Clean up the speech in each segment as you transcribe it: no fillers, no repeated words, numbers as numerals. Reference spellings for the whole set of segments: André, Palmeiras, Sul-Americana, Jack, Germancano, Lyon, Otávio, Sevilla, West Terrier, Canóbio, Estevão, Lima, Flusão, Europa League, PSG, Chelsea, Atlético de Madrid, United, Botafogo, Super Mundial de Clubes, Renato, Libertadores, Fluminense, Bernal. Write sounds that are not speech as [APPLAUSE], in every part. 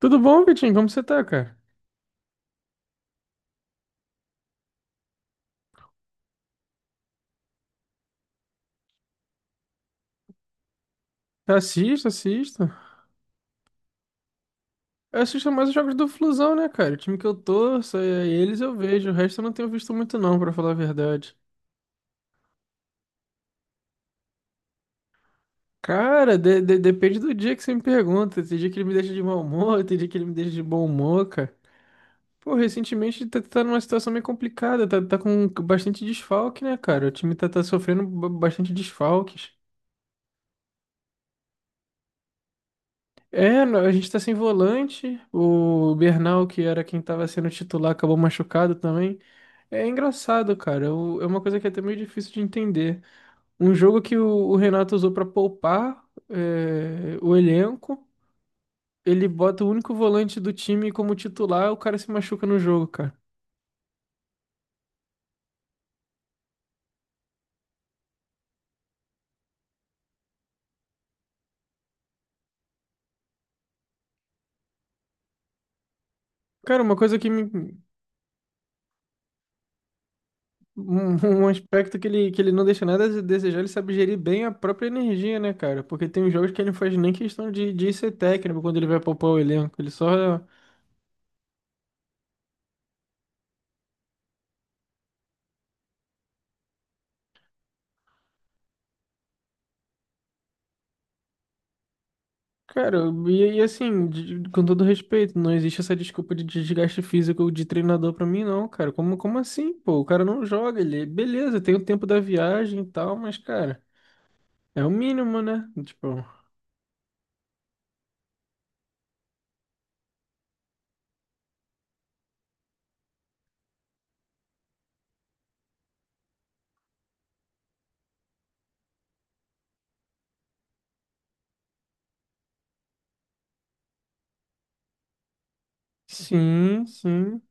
Tudo bom, Vitinho? Como você tá, cara? Tá. Assisto, assisto. Eu assisto mais os jogos do Flusão, né, cara? O time que eu torço, é, eles eu vejo. O resto eu não tenho visto muito, não, pra falar a verdade. Cara, depende do dia que você me pergunta. Tem dia que ele me deixa de mau humor, tem dia que ele me deixa de bom humor, cara. Pô, recentemente tá numa situação meio complicada. Tá com bastante desfalque, né, cara? O time tá sofrendo bastante desfalques. É, a gente tá sem volante. O Bernal, que era quem tava sendo titular, acabou machucado também. É engraçado, cara. É uma coisa que é até meio difícil de entender. Um jogo que o Renato usou pra poupar é, o elenco, ele bota o único volante do time como titular, o cara se machuca no jogo, cara. Cara, uma coisa que me. [LAUGHS] Um aspecto que ele não deixa nada a desejar, ele sabe gerir bem a própria energia, né, cara? Porque tem jogos que ele não faz nem questão de ser técnico quando ele vai poupar o elenco. Ele só. Cara, e assim, com todo respeito, não existe essa desculpa de desgaste físico de treinador pra mim, não, cara. Como assim, pô? O cara não joga, ele, beleza, tem o tempo da viagem e tal, mas, cara, é o mínimo, né? Tipo, sim, sim.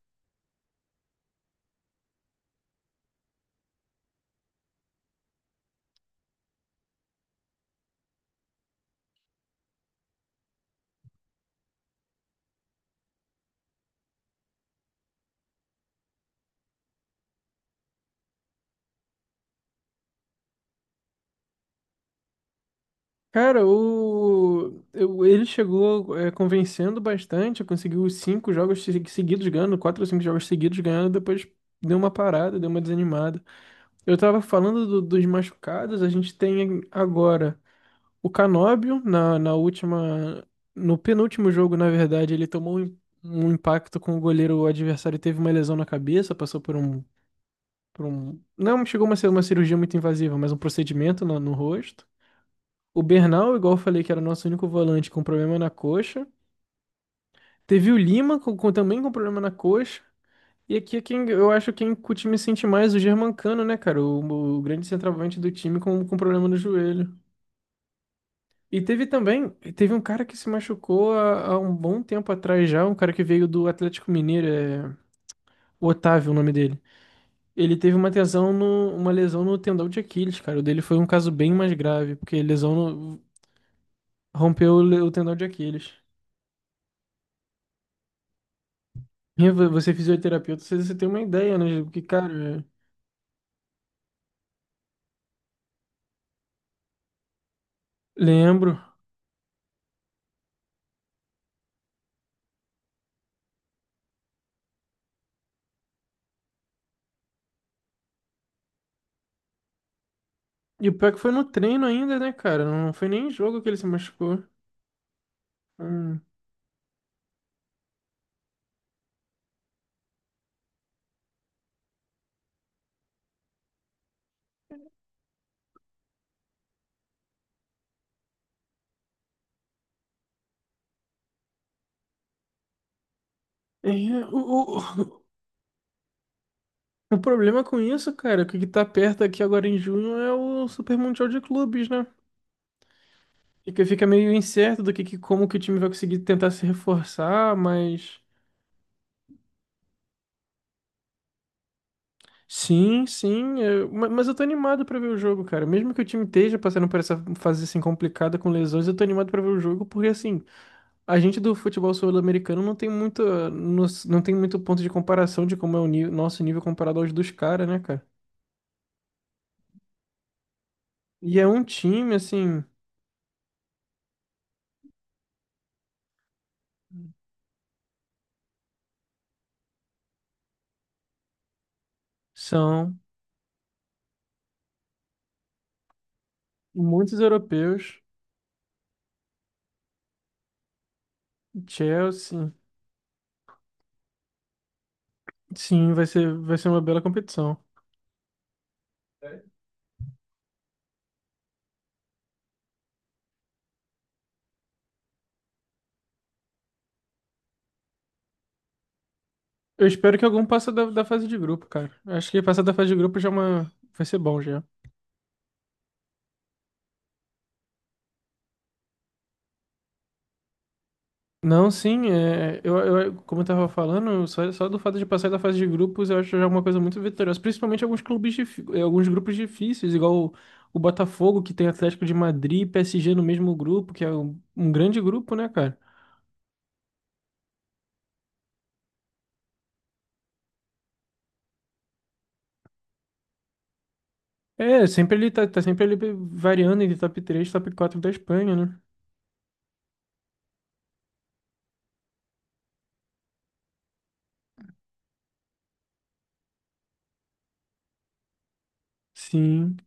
Cara, ele chegou é, convencendo bastante, conseguiu os cinco jogos seguidos ganhando, quatro ou cinco jogos seguidos ganhando, depois deu uma parada, deu uma desanimada. Eu tava falando dos machucados, a gente tem agora. O Canóbio, na última. No penúltimo jogo, na verdade, ele tomou um impacto com o goleiro. O adversário teve uma lesão na cabeça, passou por um. Por um não chegou a ser uma cirurgia muito invasiva, mas um procedimento no rosto. O Bernal, igual eu falei, que era o nosso único volante com problema na coxa. Teve o Lima também com problema na coxa. E aqui é quem eu acho quem o time sente mais, o Germancano, né, cara? O grande centroavante do time com problema no joelho. E teve também, teve um cara que se machucou há um bom tempo atrás já, um cara que veio do Atlético Mineiro, é o Otávio, o nome dele. Ele teve uma lesão uma lesão no tendão de Aquiles, cara. O dele foi um caso bem mais grave, porque lesão no- rompeu o tendão de Aquiles. E você é fisioterapeuta, você tem uma ideia, né? Porque, cara, é, lembro. E o pior que foi no treino ainda, né, cara? Não foi nem em jogo que ele se machucou. Hum. É, o, o- o problema com isso, cara, é que o que tá perto aqui agora em junho é o Super Mundial de Clubes, né? E que fica meio incerto do como que o time vai conseguir tentar se reforçar, mas sim, sim, mas eu tô animado pra ver o jogo, cara. Mesmo que o time esteja passando por essa fase assim complicada com lesões, eu tô animado pra ver o jogo, porque assim, a gente do futebol sul-americano não tem muito, não tem muito ponto de comparação de como é o nosso nível comparado aos dos caras, né, cara? E é um time assim, são muitos europeus. Chelsea. Sim, vai ser uma bela competição. Eu espero que algum passe da fase de grupo, cara. Acho que passar da fase de grupo já é uma... vai ser bom já. Não, sim, é, eu, como eu tava falando, só do fato de passar da fase de grupos eu acho já uma coisa muito vitoriosa. Principalmente alguns clubes, eh, alguns grupos difíceis, igual o Botafogo, que tem Atlético de Madrid e PSG no mesmo grupo, que é um grande grupo, né, cara? É, sempre ele tá sempre ali variando entre top 3, e top 4 da Espanha, né? Sim.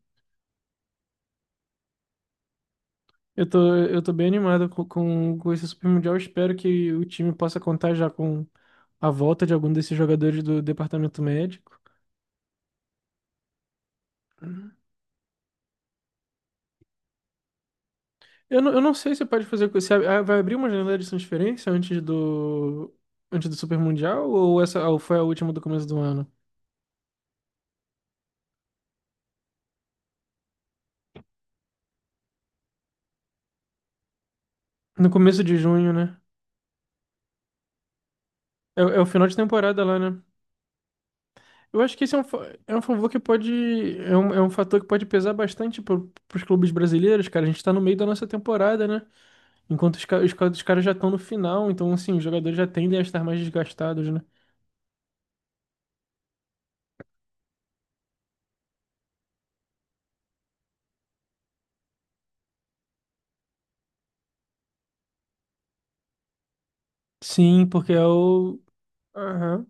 Eu tô bem animado com esse Super Mundial. Espero que o time possa contar já com a volta de algum desses jogadores do departamento médico. Eu não sei se pode fazer. Se vai abrir uma janela de transferência antes antes do Super Mundial ou essa ou foi a última do começo do ano? No começo de junho, né? É, é o final de temporada lá, né? Eu acho que esse é é um favor que pode. É um fator que pode pesar bastante pros clubes brasileiros, cara. A gente tá no meio da nossa temporada, né? Enquanto os caras já estão no final, então assim, os jogadores já tendem a estar mais desgastados, né? Sim, porque é o. Aham.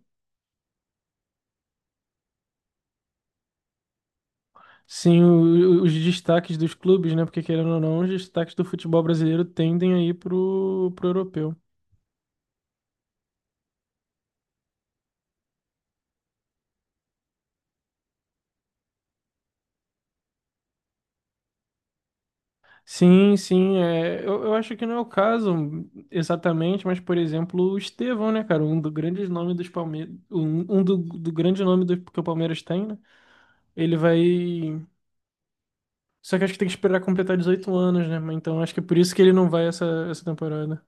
Sim, os destaques dos clubes, né? Porque querendo ou não, os destaques do futebol brasileiro tendem aí pro europeu. Sim, sim, é, eu acho que não é o caso exatamente, mas por exemplo, o Estevão, né, cara, um dos grandes nomes dos Palmeiras, do grande nome do, que o Palmeiras tem, né? Ele vai. Só que acho que tem que esperar completar 18 anos, né? Mas então acho que é por isso que ele não vai essa, essa temporada.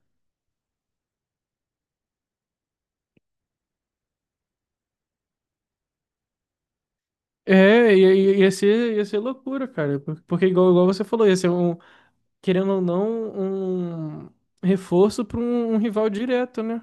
É, ia ser loucura, cara. Porque, igual você falou, ia ser um, querendo ou não, um reforço para um rival direto, né?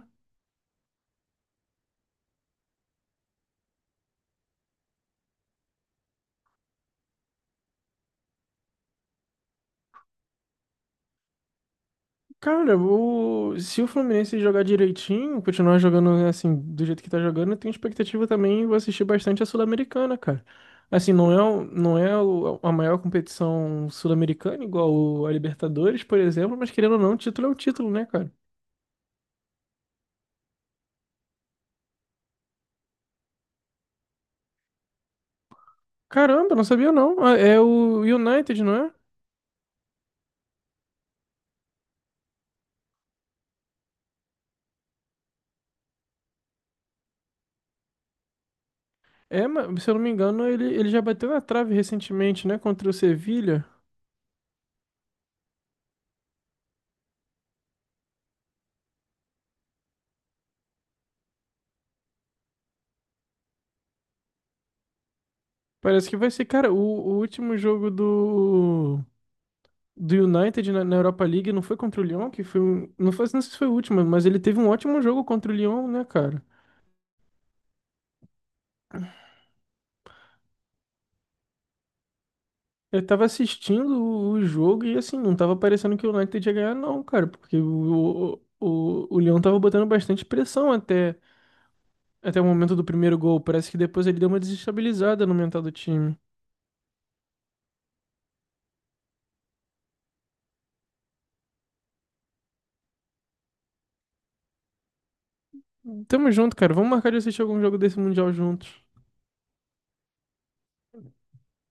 Cara, o... se o Fluminense jogar direitinho, continuar jogando assim, do jeito que tá jogando, eu tenho expectativa também, vou assistir bastante a Sul-Americana, cara. Assim, não é a maior competição sul-americana, a Libertadores, por exemplo, mas querendo ou não, título é o título, né, cara? Caramba, não sabia não. Ah, é o United, não é? É, mas se eu não me engano, ele já bateu na trave recentemente, né, contra o Sevilla. Parece que vai ser, cara, o último jogo do. Do United na Europa League não foi contra o Lyon, que foi um, não foi, não sei se foi o último, mas ele teve um ótimo jogo contra o Lyon, né, cara? Eu tava assistindo o jogo e assim, não tava parecendo que o United ia ganhar, não, cara, porque o Lyon tava botando bastante pressão até, até o momento do primeiro gol. Parece que depois ele deu uma desestabilizada no mental do time. Tamo junto, cara. Vamos marcar de assistir algum jogo desse Mundial juntos.